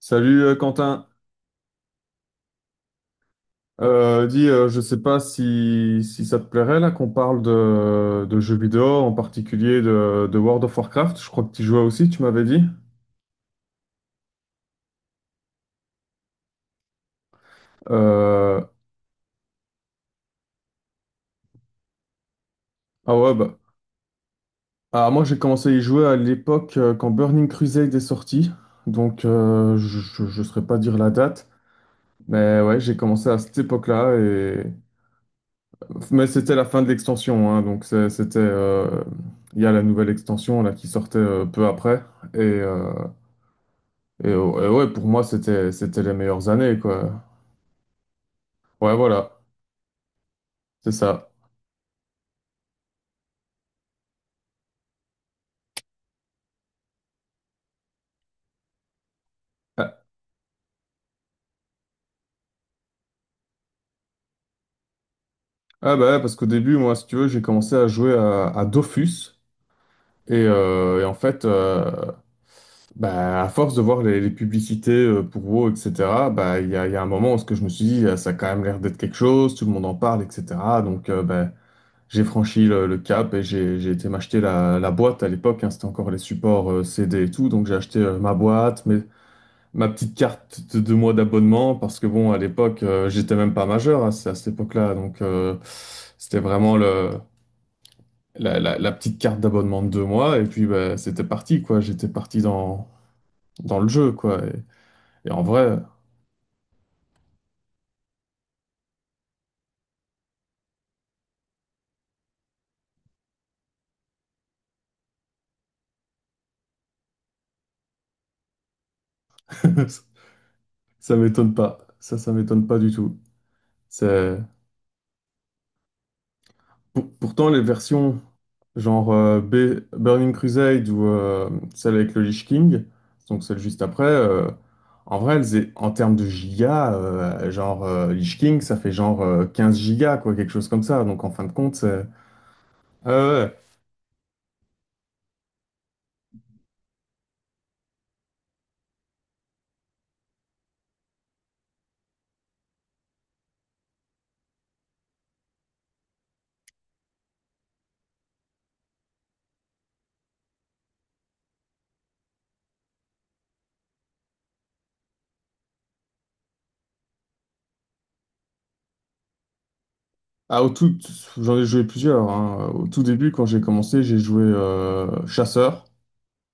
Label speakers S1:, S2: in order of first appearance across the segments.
S1: Salut Quentin. Je sais pas si ça te plairait là qu'on parle de jeux vidéo, en particulier de World of Warcraft. Je crois que tu jouais aussi, tu m'avais dit. Euh, ah ouais, bah, ah, moi j'ai commencé à y jouer à l'époque quand Burning Crusade est sorti, donc je ne saurais pas dire la date, mais ouais, j'ai commencé à cette époque-là, mais c'était la fin de l'extension, hein, donc c'était... il y a la nouvelle extension là, qui sortait peu après. Et, euh, Et, et ouais, pour moi, c'était les meilleures années, quoi. Ouais, voilà, c'est ça. Ah, ah, bah ouais, parce qu'au début, moi, si tu veux, j'ai commencé à jouer à Dofus. Et, euh, et en fait, euh, Bah, à force de voir les publicités pour WoW, etc. Bah, il y a un moment où ce que je me suis dit, ah, ça a quand même l'air d'être quelque chose, tout le monde en parle, etc. Donc, euh, bah, j'ai franchi le cap et j'ai été m'acheter la boîte à l'époque, hein. C'était encore les supports CD et tout. Donc j'ai acheté ma boîte, ma petite carte de 2 mois d'abonnement parce que bon, à l'époque, j'étais même pas majeur à cette époque-là, donc c'était vraiment la petite carte d'abonnement de 2 mois et puis bah, c'était parti quoi. J'étais parti dans le jeu quoi. Et en vrai, Ça m'étonne pas. Ça m'étonne pas du tout. C'est Pour- pourtant, les versions genre Burning Crusade ou celle avec le Lich King, donc celle juste après, en vrai, elles est- en termes de gigas, Lich King, ça fait genre 15 gigas, quoi, quelque chose comme ça. Donc en fin de compte, c'est. Ah ouais, ouais. Ah, au tout, J'en ai joué plusieurs, hein. Au tout début, quand j'ai commencé, j'ai joué Chasseur.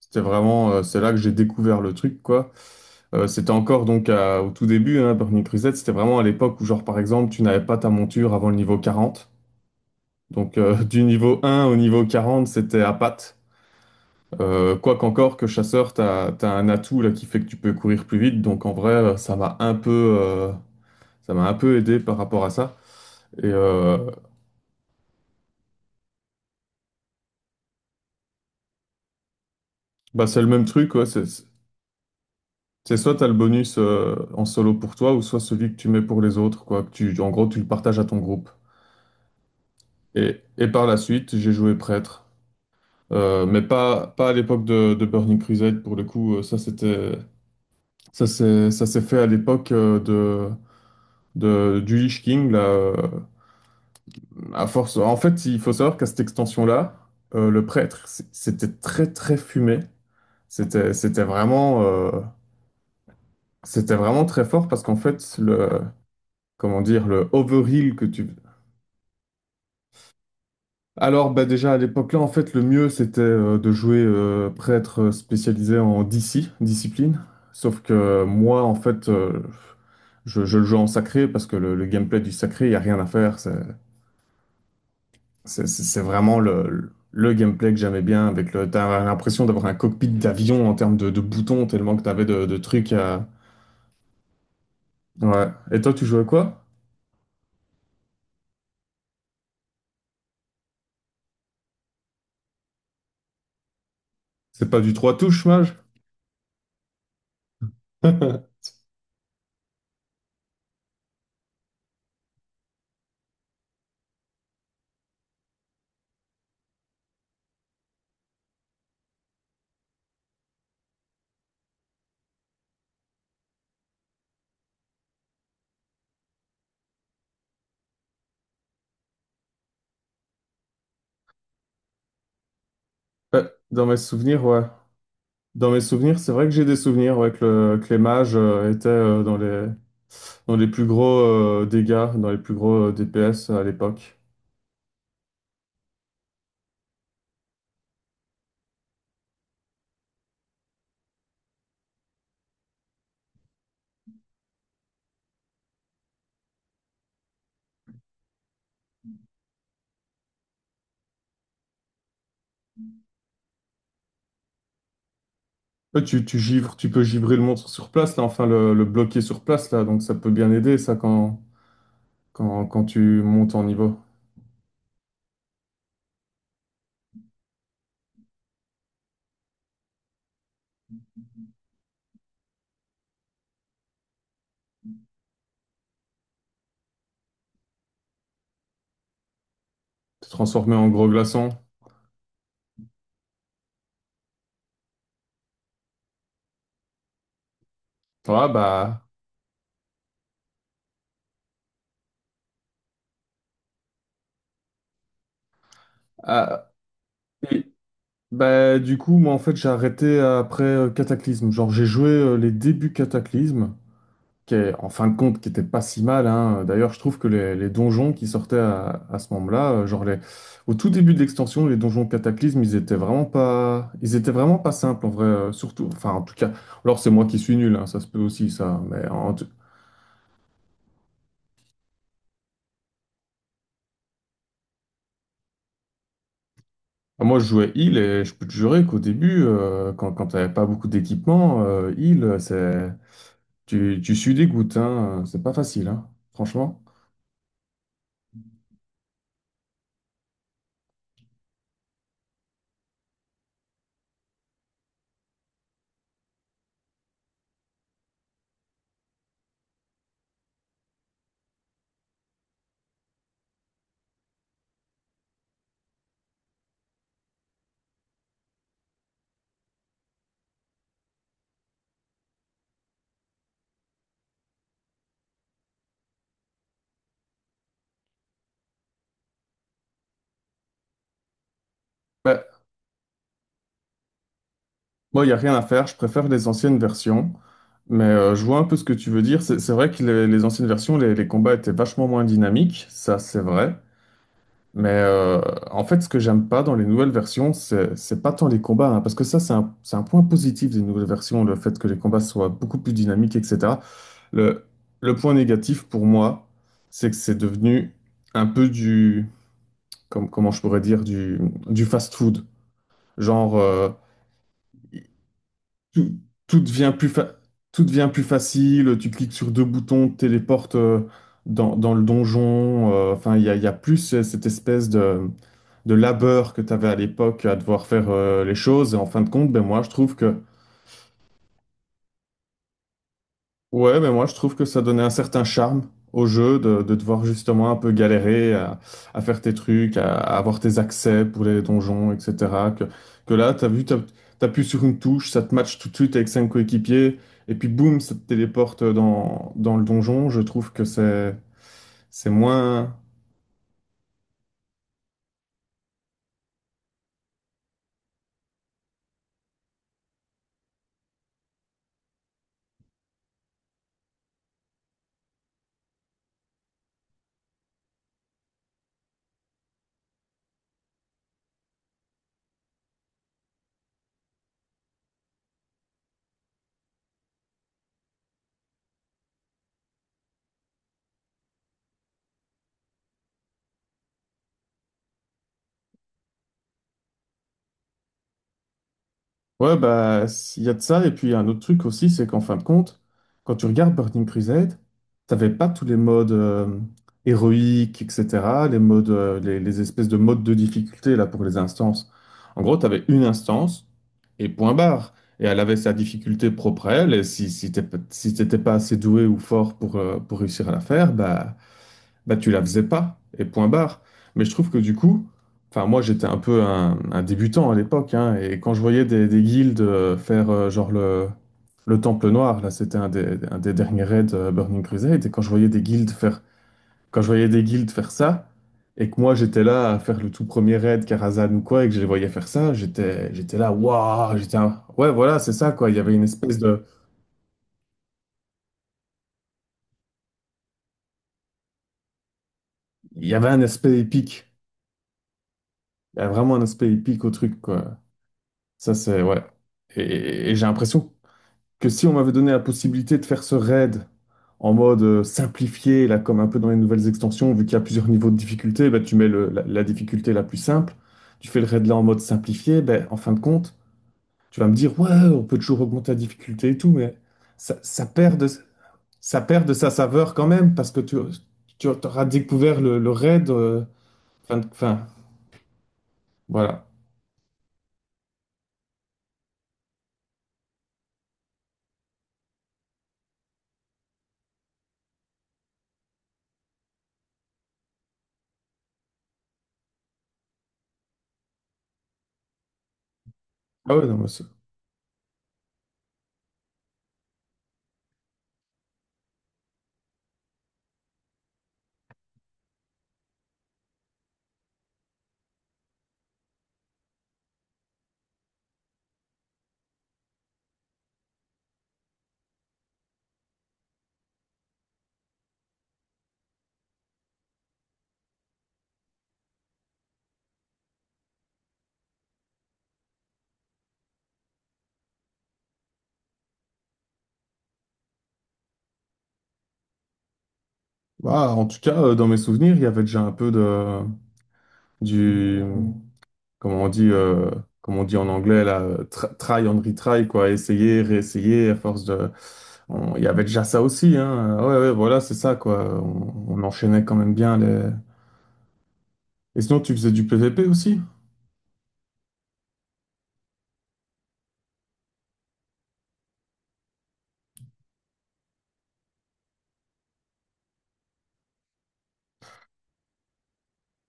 S1: C'était vraiment, c'est là que j'ai découvert le truc, quoi. C'était encore donc au tout début, hein. Burning Crusade, c'était vraiment à l'époque où, genre, par exemple, tu n'avais pas ta monture avant le niveau 40. Donc du niveau un au niveau 40 c'était à patte. Quoi qu'encore que chasseur, t'as un atout là qui fait que tu peux courir plus vite. Donc, en vrai, ça m'a un peu, ça m'a un peu aidé par rapport à ça. Et euh, Bah, c'est le même truc, quoi. C'est soit t'as le bonus en solo pour toi, ou soit celui que tu mets pour les autres, quoi. Que tu, en gros, tu le partages à ton groupe. Et par la suite, j'ai joué prêtre. Mais pas à l'époque de Burning Crusade, pour le coup. Ça, ça s'est fait à l'époque du Lich King, là, à force. En fait, il faut savoir qu'à cette extension-là, le prêtre, c'était très, très fumé. C'était, c'était vraiment, euh, C'était vraiment très fort parce qu'en fait, comment dire, le overheal que tu... Alors, bah déjà à l'époque-là, en fait, le mieux c'était de jouer prêtre spécialisé en DC, discipline. Sauf que moi, en fait, je le joue en sacré parce que le gameplay du sacré, il n'y a rien à faire. C'est vraiment le gameplay que j'aimais bien. Avec le, t'as l'impression d'avoir un cockpit d'avion en termes de boutons, tellement que t'avais de trucs à... Ouais. Et toi, tu jouais quoi? C'est pas du trois touches, mage? Ouais, dans mes souvenirs, ouais. Dans mes souvenirs, c'est vrai que j'ai des souvenirs ouais, que les mages étaient dans les plus gros dégâts, dans les plus gros DPS à l'époque. Ouais, tu givres, tu peux givrer le monstre sur place, là, enfin le bloquer sur place, là, donc ça peut bien aider, ça, quand tu montes en niveau. Te transformer en gros glaçon. Ah, bah, ah, et- Bah, du coup, moi, en fait, j'ai arrêté après Cataclysme. Genre, j'ai joué les débuts Cataclysme, qui est, en fin de compte, qui était pas si mal, hein. D'ailleurs, je trouve que les donjons qui sortaient à ce moment-là, au tout début de l'extension, les donjons Cataclysme, ils étaient vraiment pas simples en vrai. Surtout, enfin, en tout cas, alors c'est moi qui suis nul, hein, ça se peut aussi ça. Moi, je jouais heal et je peux te jurer qu'au début, quand t'avais pas beaucoup d'équipement, tu sues des gouttes, hein, c'est pas facile, hein, franchement. Bah, Bon, il n'y a rien à faire, je préfère les anciennes versions, mais je vois un peu ce que tu veux dire. C'est vrai que les anciennes versions, les combats étaient vachement moins dynamiques, ça c'est vrai, mais en fait ce que j'aime pas dans les nouvelles versions, c'est pas tant les combats, hein, parce que ça c'est c'est un point positif des nouvelles versions, le fait que les combats soient beaucoup plus dynamiques, etc. Le, le point négatif pour moi, c'est que c'est devenu un peu du, comme, comment je pourrais dire, du fast-food. Genre... euh, tout, tout devient plus fa- Tout devient plus facile, tu cliques sur deux boutons, te téléportes dans le donjon. Enfin, il y a plus cette espèce de labeur que tu avais à l'époque à devoir faire les choses. Et en fin de compte, ben moi, je trouve que... Ouais, mais moi je trouve que ça donnait un certain charme au jeu de devoir justement un peu galérer à faire tes trucs, à avoir tes accès pour les donjons, etc. Que, que là, t'appuies sur une touche, ça te match tout de suite avec cinq coéquipiers, et puis boum, ça te téléporte dans le donjon. Je trouve que c'est moins... Ouais, bah, il y a de ça. Et puis, y a un autre truc aussi, c'est qu'en fin de compte, quand tu regardes Burning Crusade, t'avais pas tous les modes héroïques, etc., les modes, les espèces de modes de difficulté, là, pour les instances. En gros, t'avais une instance et point barre. Et elle avait sa difficulté propre à elle. Et si t'étais pas assez doué ou fort pour réussir à la faire, bah tu la faisais pas, et point barre. Mais je trouve que du coup, enfin moi j'étais un peu un débutant à l'époque, hein, et quand je voyais des guildes le Temple Noir, là c'était un des derniers raids Burning Crusade, et quand je voyais des guildes faire ça, et que moi j'étais là à faire le tout premier raid Karazhan ou quoi, et que je les voyais faire ça, j'étais là, waouh, ouais voilà c'est ça quoi, il y avait une espèce de, il y avait un aspect épique, il y a vraiment un aspect épique au truc quoi. Ça, c'est, ouais. Et j'ai l'impression que si on m'avait donné la possibilité de faire ce raid en mode simplifié, là, comme un peu dans les nouvelles extensions, vu qu'il y a plusieurs niveaux de difficulté, bah, tu mets la difficulté la plus simple, tu fais le raid là en mode simplifié, ben en fin de compte, tu vas me dire, ouais, on peut toujours augmenter la difficulté et tout, mais ça, ça perd de, ça perd de sa saveur quand même, parce que tu auras découvert le raid, fin, voilà. Ah ouais, non, mais c'est- Bah, en tout cas, dans mes souvenirs, il y avait déjà un peu de... du, Comment on dit, comment on dit en anglais, là, try and retry, quoi, essayer, réessayer, à force de... Il y avait déjà ça aussi, hein. Ouais, ouais, voilà, c'est ça, quoi. On enchaînait quand même bien les... Et sinon, tu faisais du PVP aussi?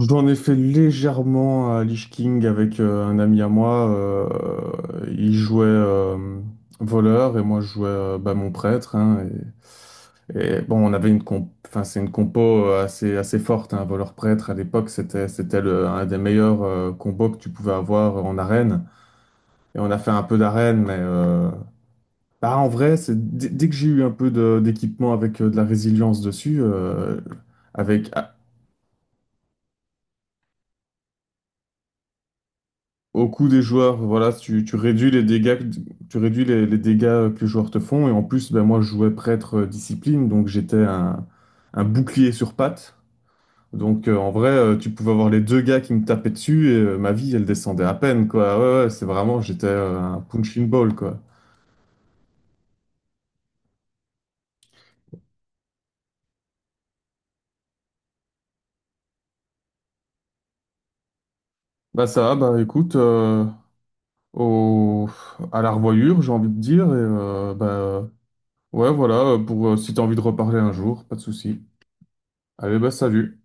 S1: Je dois en effet légèrement à Lich King avec un ami à moi. Il jouait voleur et moi je jouais mon prêtre, hein. Et bon, on avait enfin, c'est une compo assez assez forte. Un voleur prêtre à l'époque c'était un des meilleurs combos que tu pouvais avoir en arène. Et on a fait un peu d'arène, mais en vrai, c'est dès dès que j'ai eu un peu d'équipement avec de la résilience dessus, avec au coût des joueurs, voilà, tu réduis les dégâts, tu réduis les dégâts que les joueurs te font. Et en plus, ben, moi, je jouais prêtre discipline, donc j'étais un bouclier sur pattes. Donc en vrai, tu pouvais avoir les deux gars qui me tapaient dessus et ma vie, elle descendait à peine, quoi. Ouais, ouais, c'est vraiment, j'étais un punching ball, quoi. Bah ça va, bah écoute, au, à la revoyure, j'ai envie de dire. Et bah ouais, voilà, pour, si t'as envie de reparler un jour, pas de souci. Allez, bah salut.